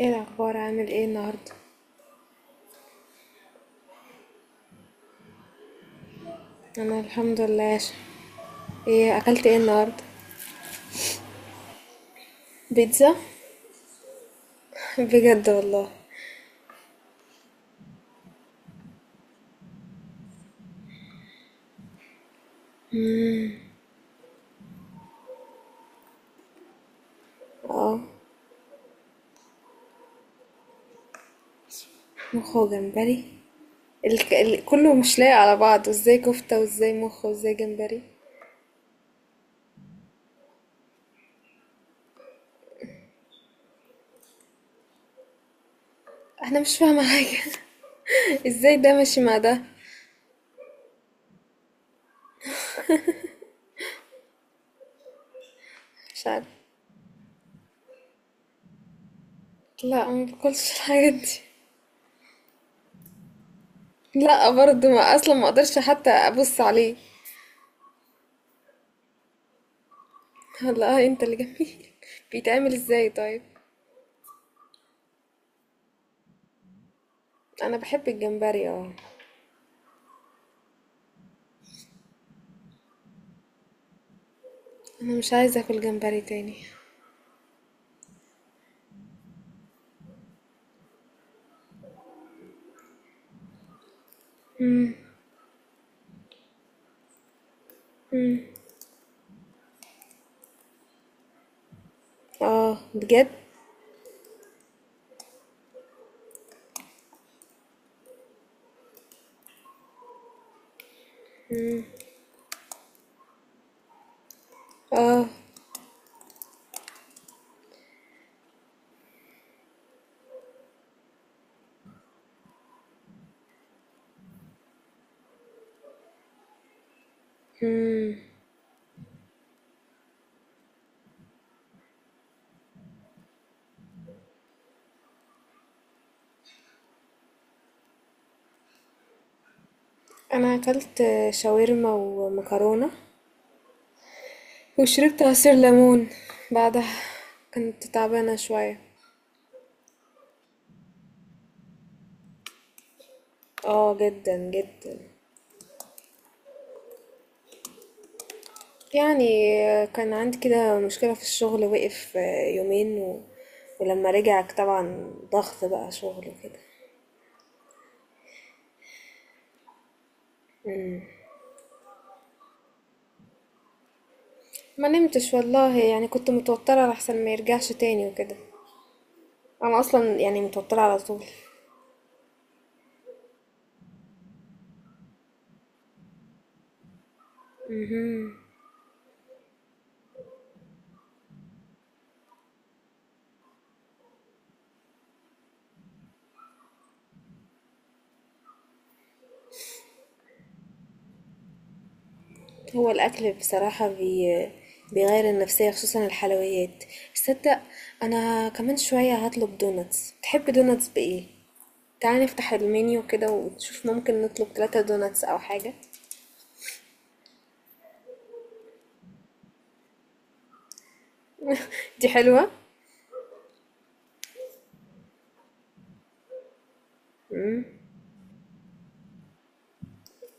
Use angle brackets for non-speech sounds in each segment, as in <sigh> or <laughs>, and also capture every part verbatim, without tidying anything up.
ايه الاخبار، عامل ايه النهارده؟ انا الحمد لله يا ش- ايه اكلت ايه النهارده؟ بيتزا. <laughs> بجد والله. اه، مخ وجمبري. ال... ال... كله مش لايق على بعض، وازاي كفته وازاي مخ وازاي جمبري؟ انا مش فاهمه حاجه. <laughs> ازاي ده ماشي مع ده؟ مش عارف. لا، ما باكلش الحاجات دي. لا برضه، ما اصلا ما اقدرش حتى ابص عليه. والله، آه انت اللي جميل. <laughs> بيتعمل ازاي طيب؟ انا بحب الجمبري، اه. انا مش عايزه اكل جمبري تاني. اه، بجد. اه، انا اكلت شاورما ومكرونة، وشربت عصير ليمون بعدها. كنت تعبانة شوية. اه، جدا جدا. يعني آه، كان عندي كده مشكلة في الشغل، وقف آه، يومين و... ولما رجع طبعا، ضغط بقى شغل وكده. ما نمتش والله، يعني كنت متوترة لحسن ما يرجعش تاني وكده. انا اصلا يعني متوترة على طول. هو الأكل بصراحة بي... بيغير النفسية، خصوصا الحلويات. تصدق؟ أنا كمان شوية هطلب دوناتس. تحب دوناتس بإيه؟ تعالى نفتح المنيو كده ونشوف، ممكن نطلب ثلاثة دوناتس أو حاجة. <laughs> دي حلوة.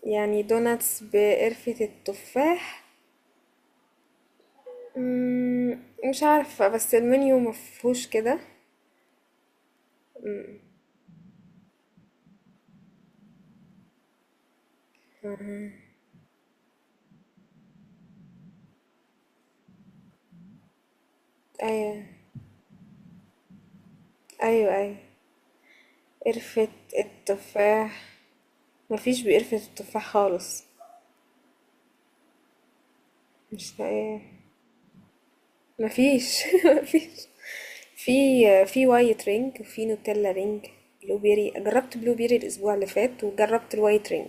يعني دوناتس بقرفة التفاح. مم، مش عارفة، بس المنيو مفهوش كده. أيوة، أيوة، أيوة. قرفة التفاح، مفيش بقرفة التفاح خالص. مش لاقيه. مفيش. <laughs> مفيش. في في وايت رينج، وفي نوتيلا رينج. بلو بيري. جربت بلو بيري الاسبوع اللي فات، وجربت الوايت رينج.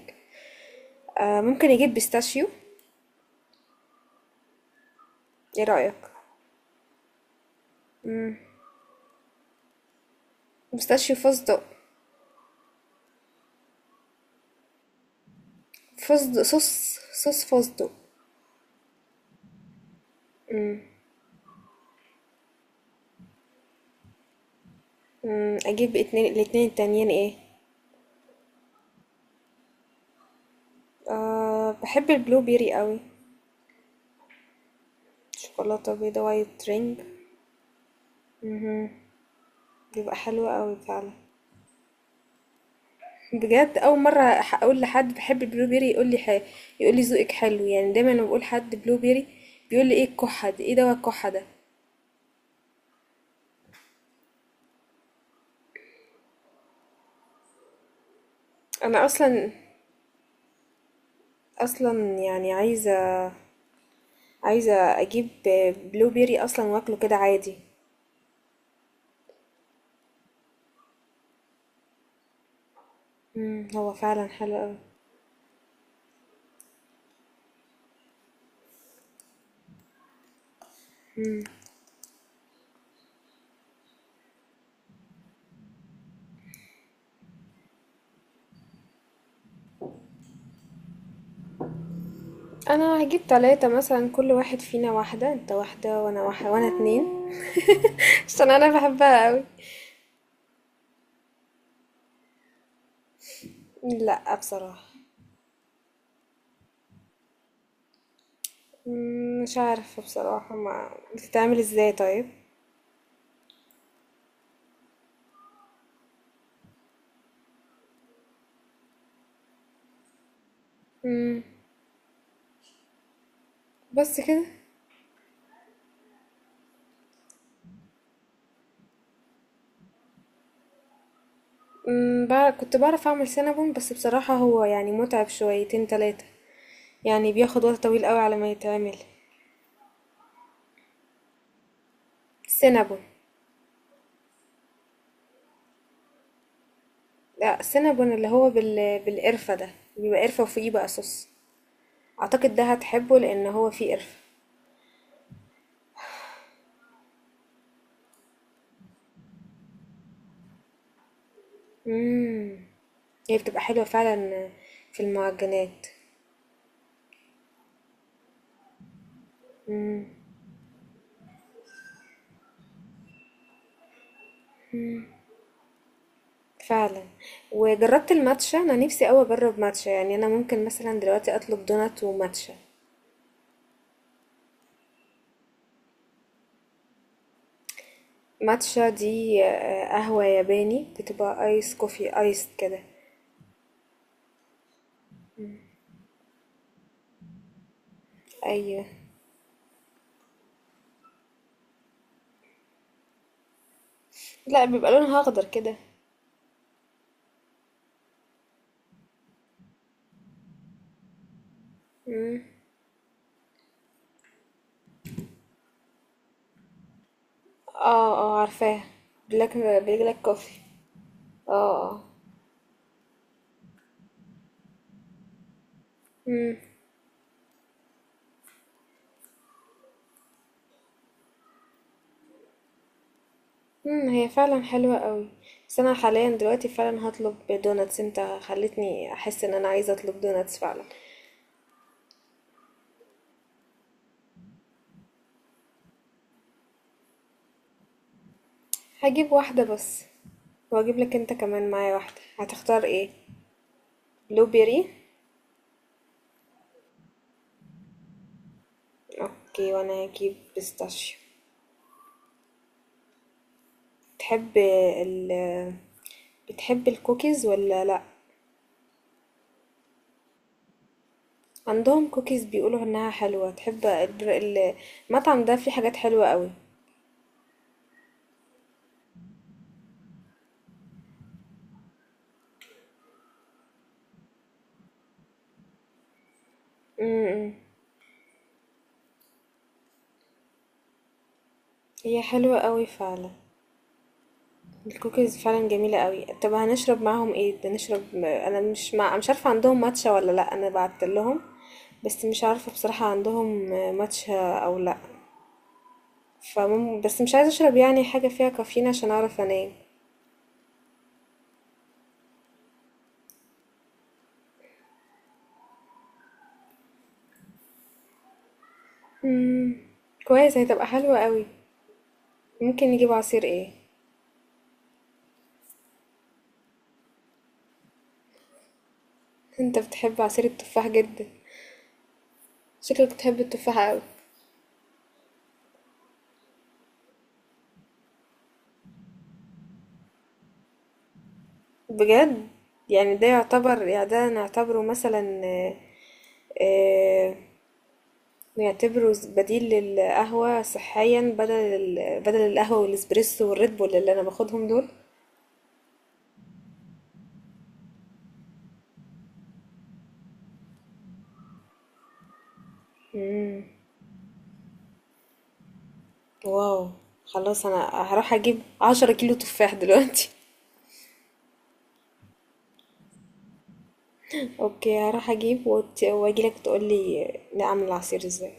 آه، ممكن اجيب بيستاشيو. ايه رايك؟ بيستاشيو، فستق. فستق صوص. صوص فستق. مم، اجيب اتنين، الاتنين التانيين ايه؟ آه، بحب البلو بيري قوي. شوكولاته بيضه، وايت رينج. بيبقى حلو قوي فعلا. بجد، اول مره ح- اقول لحد بحب البلو بيري يقول لي ح... يقول لي ذوقك حلو، يعني دايما لما بقول حد بلو بيري، بيقول لي ايه الكحه دي، ايه دوا الكحه ده؟ انا اصلا اصلا يعني عايزه عايزه اجيب بلو بيري اصلا، واكله كده عادي. امم هو فعلا حلو قوي. انا هجيب ثلاثة مثلا، كل واحد فينا واحده، انت واحده وانا واحده، وانا اتنين. <laughs> عشان انا بحبها قوي. لا، بصراحه. مم، مش عارفه بصراحه، ما بتتعمل ازاي طيب؟ امم، بس كده. امم بع- كنت بعرف اعمل سينابون، بس بصراحة هو يعني متعب شويتين تلاتة. يعني بياخد وقت طويل قوي على ما يتعمل. سينابون. لا، سينابون اللي هو بال... بالقرفة ده. بيبقى قرفة وفوقيه بقى صوص. اعتقد ده هتحبه، لان هو فيه قرفة. امم هي بتبقى حلوة فعلا، في المعجنات فعلا. وجربت الماتشا. انا نفسي قوي اجرب ماتشا، يعني انا ممكن مثلا دلوقتي اطلب دونات وماتشا. ماتشا دي آآ قهوة ياباني، بتبقى ice coffee iced كده. أيوه. لأ، بيبقى لونها أخضر كده. آه، آه، عارفاها. black black coffee. آه، آه. إمم، هي فعلًا حلوة أوي، بس أنا حاليًا دلوقتي فعلًا هاطلب دوناتس. أنت خلّيتني أحس إن أنا عايزة أطلب دوناتس فعلًا. هاجيب واحدة بس، وهاجيب لك أنت كمان معايا واحدة. هتختار إيه؟ بلو بيري؟ أوكي، وأنا هاجيب بيستاشيو. بتحب ال بتحب الكوكيز والّا لأ؟ عندهم كوكيز بيقولوا إنها حلوة. تحب الر ال المطعم ده فيه حاجات حلوة أوي. إمم، إمم، هي حلوة أوي فعلًا، الكوكيز فعلًا جميلة أوي. طب هنشرب معاهم إيه؟ ده نشرب، أنا مش مع مش عارفة عندهم ماتشا والّا لأ. أنا بعت لهم، بس مش عارفة بصراحة، عندهم ماتشا أو لأ. فمم بس مش عايزة أشرب يعني حاجة فيها كافيين عشان أعرف أنام. إمم، كويس، هتبقى حلوة أوي. ممكن نجيب عصير ايه؟ انت بتحب عصير التفاح جدا. شكلك بتحب التفاح اوي. بجد؟ يعني ده يعتبر يعني ده نعتبره مثلا آه، آه، نعتبره بديل للقهوة صحيا، بدل ال- بدل القهوة والاسبريسو والريد بول اللي انا باخدهم دول. مم. واو. خلاص، انا هروح اجيب عشرة كيلو تفاح دلوقتي. <laughs> اوكي، هروح اجيب وت- واجيلك تقولي نعمل العصير ازاي.